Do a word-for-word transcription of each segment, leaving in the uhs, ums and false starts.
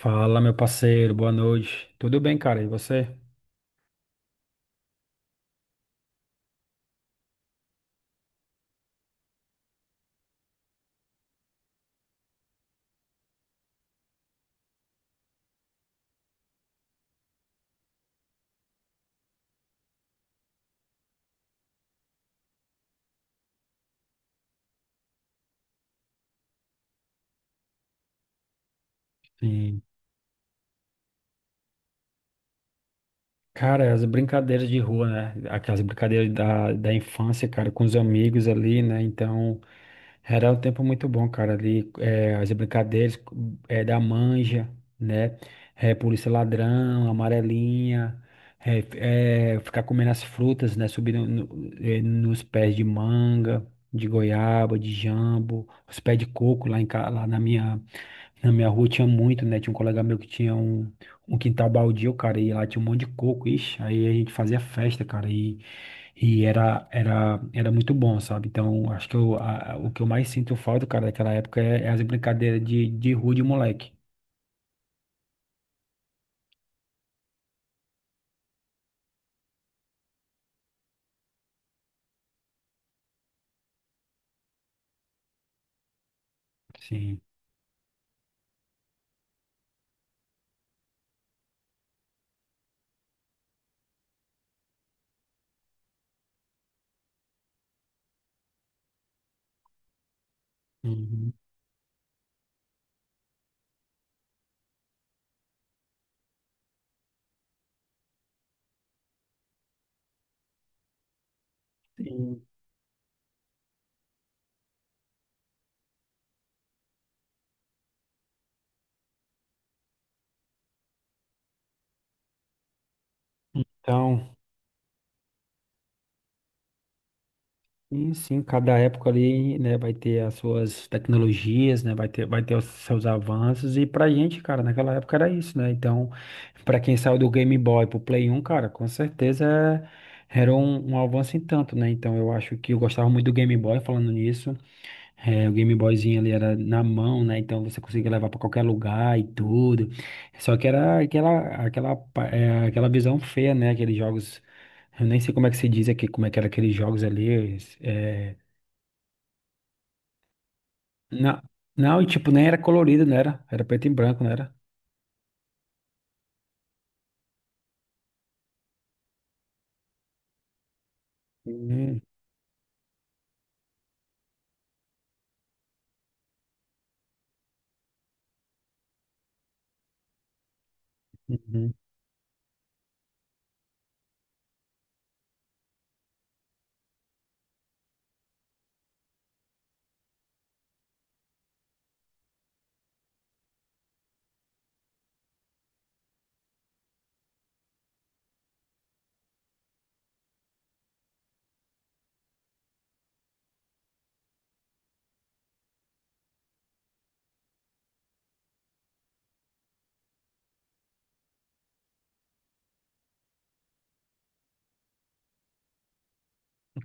Fala, meu parceiro, boa noite. Tudo bem, cara? E você? Sim. Cara, as brincadeiras de rua, né? Aquelas brincadeiras da, da infância, cara, com os amigos ali, né? Então, era um tempo muito bom, cara, ali, é, as brincadeiras é, da manja, né? É, polícia ladrão, amarelinha, é, é, ficar comendo as frutas, né? Subindo no- eh, nos pés de manga, de goiaba, de jambo, os pés de coco lá. em, ca- lá na minha Na minha rua tinha muito, né? Tinha um colega meu que tinha um, um quintal baldio, cara, e lá tinha um monte de coco, ixi, aí a gente fazia festa, cara, e, e era, era, era muito bom, sabe? Então, acho que eu, a- o que eu mais sinto falta, cara, daquela época é, é as brincadeiras de, de rua de moleque. Sim. Uhum. Sim. Então. Sim, sim, cada época ali, né, vai ter as suas tecnologias, né, vai ter, vai ter os seus avanços, e pra gente, cara, naquela época era isso, né, então, pra quem saiu do Game Boy pro Play um, cara, com certeza é- era um, um avanço em tanto, né, então eu acho que eu gostava muito do Game Boy falando nisso, é, o Game Boyzinho ali era na mão, né? Então você conseguia levar pra qualquer lugar e tudo. Só que era aquela, aquela, pa- é, aquela visão feia, né? Aqueles jogos. Eu nem sei como é que se diz aqui, como é que era aqueles jogos ali. É, não, não, e tipo, nem era colorido, não era? Era preto e branco, não era? Hum, uhum.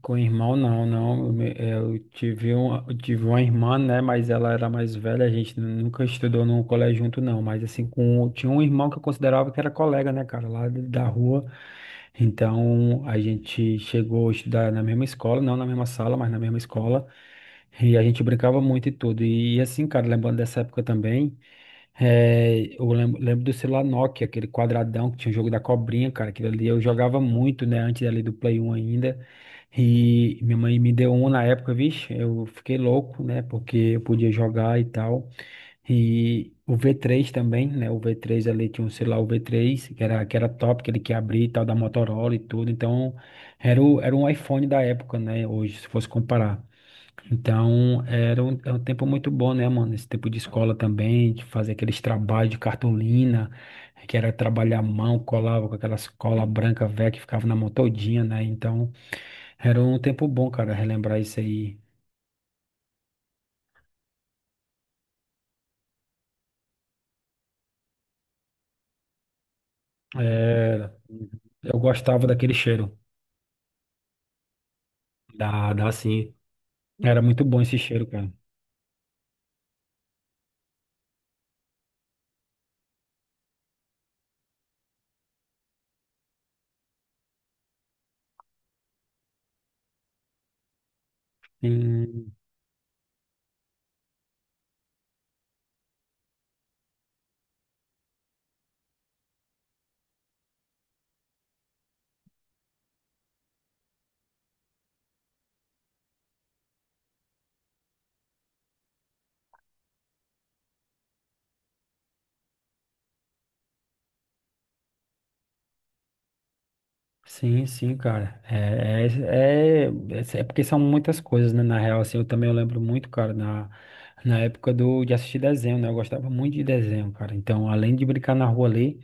Com irmão, não, não. Eu, me- eu tive um, eu tive uma irmã, né? Mas ela era mais velha, a gente nunca estudou num colégio junto, não. Mas assim, com, tinha um irmão que eu considerava que era colega, né, cara, lá de- da rua. Então, a gente chegou a estudar na mesma escola, não na mesma sala, mas na mesma escola. E a gente brincava muito e tudo. E assim, cara, lembrando dessa época também. É, eu lembro, lembro do celular Nokia, aquele quadradão que tinha o jogo da cobrinha, cara. Aquilo ali eu jogava muito, né? Antes ali do Play um ainda. E minha mãe me deu um na época, vixe. Eu fiquei louco, né? Porque eu podia jogar e tal. E o V três também, né? O V três ali tinha um celular, o V três, que era, que era top, que ele que abria e tal, da Motorola e tudo. Então, era, o, era um iPhone da época, né? Hoje, se fosse comparar. Então, era um, é um tempo muito bom, né, mano? Esse tempo de escola também, de fazer aqueles trabalhos de cartolina, que era trabalhar a mão, colava com aquelas cola branca velha que ficava na mão todinha, né? Então, era um tempo bom, cara, relembrar isso aí. Era. Eu gostava daquele cheiro, dá dá sim, era muito bom esse cheiro, cara. Sim, sim, cara. É, é, é, é é porque são muitas coisas, né? Na real, assim, eu também eu lembro muito, cara, na, na época do, de assistir desenho, né? Eu gostava muito de desenho, cara. Então, além de brincar na rua ali,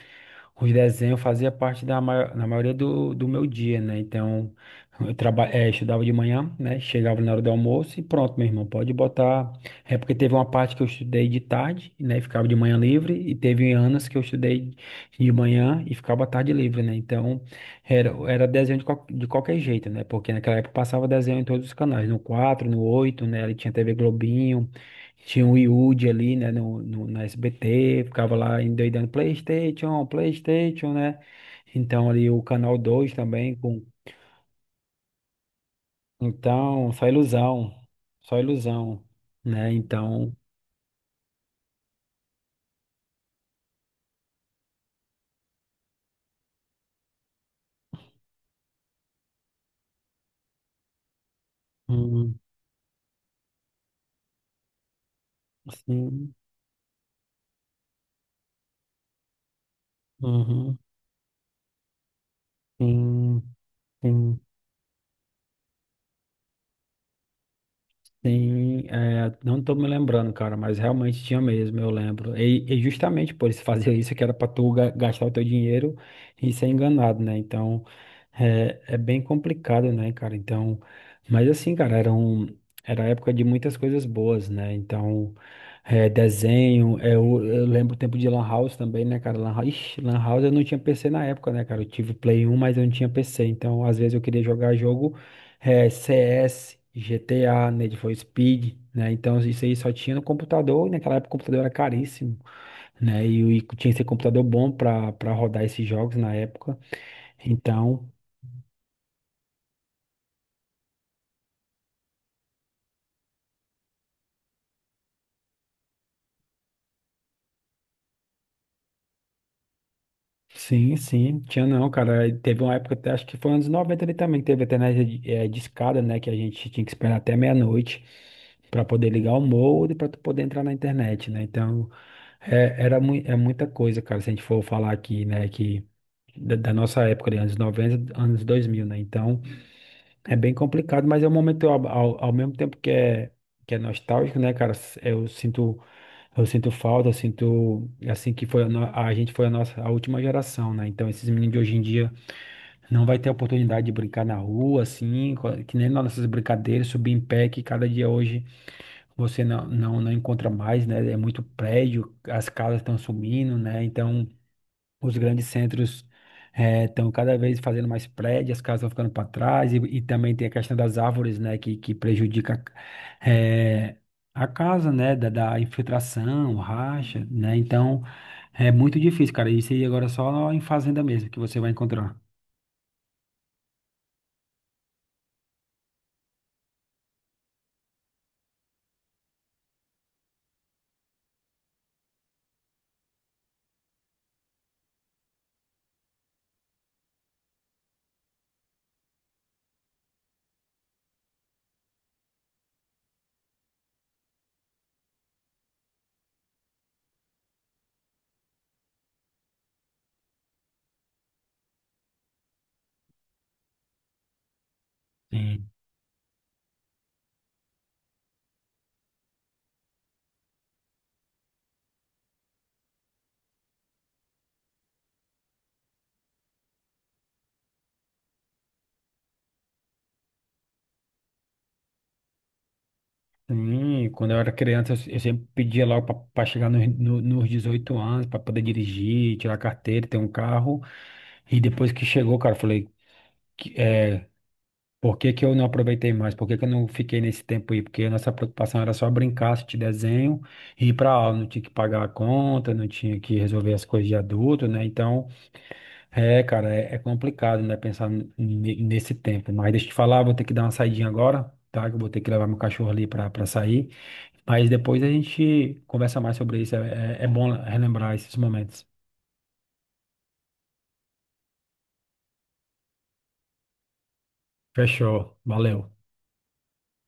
os desenhos fazia parte da maior, na maioria do, do meu dia, né? Então, eu traba, eh, estudava de manhã, né? Chegava na hora do almoço e pronto, meu irmão, pode botar. É porque teve uma parte que eu estudei de tarde, né? E ficava de manhã livre, e teve anos que eu estudei de manhã e ficava à tarde livre, né? Então, era, era desenho de, qual- de qualquer jeito, né? Porque naquela época passava desenho em todos os canais, no quatro, no oito, né? Ele tinha T V Globinho. Tinha um Yude ali, né, no, no, na S B T, ficava lá endoidando PlayStation, PlayStation, né? Então ali o Canal dois também, com... então só ilusão, só ilusão, né? Então, hum, sim, uhum, sim, sim. Sim, é, não tô me lembrando, cara, mas realmente tinha mesmo, eu lembro. E, e justamente por isso fazer isso, que era pra tu ga- gastar o teu dinheiro e ser enganado, né? Então, é, é bem complicado, né, cara? Então, mas assim, cara, era um, era época de muitas coisas boas, né? Então, é, desenho, é, eu, eu lembro o tempo de Lan House também, né, cara? Lan House, ixi, Lan House eu não tinha P C na época, né, cara? Eu tive Play um, mas eu não tinha P C, então às vezes eu queria jogar jogo é, C S, G T A, Need for Speed, né? Então isso aí só tinha no computador, e naquela época o computador era caríssimo, né? E, o- e tinha que ser computador bom para para rodar esses jogos na época. Então, sim, sim, tinha não, cara. E teve uma época, até acho que foi anos noventa, ali também, que teve até né, de- eh, discada, né? Que a gente tinha que esperar até meia-noite para poder ligar o modem para poder entrar na internet, né? Então. É, era mui- é muita coisa, cara, se a gente for falar aqui, né, que da, da nossa época, de anos noventa, anos dois mil, né, então é bem complicado, mas é um momento, ao, ao, ao mesmo tempo que é, que é, nostálgico, né, cara, s- eu sinto, eu sinto falta, eu sinto, assim, que foi a, no- a gente foi a nossa, a última geração, né, então esses meninos de hoje em dia não vai ter oportunidade de brincar na rua, assim, co- que nem nas nossas brincadeiras, subir em pé, que cada dia hoje você não, não, não encontra mais, né? É muito prédio, as casas estão sumindo, né? Então, os grandes centros eh, estão cada vez fazendo mais prédios, as casas estão ficando para trás, e, e também tem a questão das árvores, né? Que, que prejudica eh, a casa, né? Da, da infiltração, racha, né? Então, é muito difícil, cara. Isso aí agora é só em fazenda mesmo que você vai encontrar. Sim, quando eu era criança, eu eu sempre pedia logo para chegar nos, no- nos dezoito anos, para poder dirigir, tirar carteira, ter um carro. E depois que chegou, cara, eu falei, que- é, por que que eu não aproveitei mais? Por que que eu não fiquei nesse tempo aí? Porque a nossa preocupação era só brincar, assistir desenho, ir para aula. Não tinha que pagar a conta, não tinha que resolver as coisas de adulto, né? Então, é, cara, é, é complicado, né, pensar n- n- nesse tempo. Mas deixa eu te falar, vou ter que dar uma saidinha agora, tá? Que eu vou ter que levar meu cachorro ali pra, pra sair. Mas depois a gente conversa mais sobre isso. É, é é bom relembrar esses momentos. Fechou. Valeu.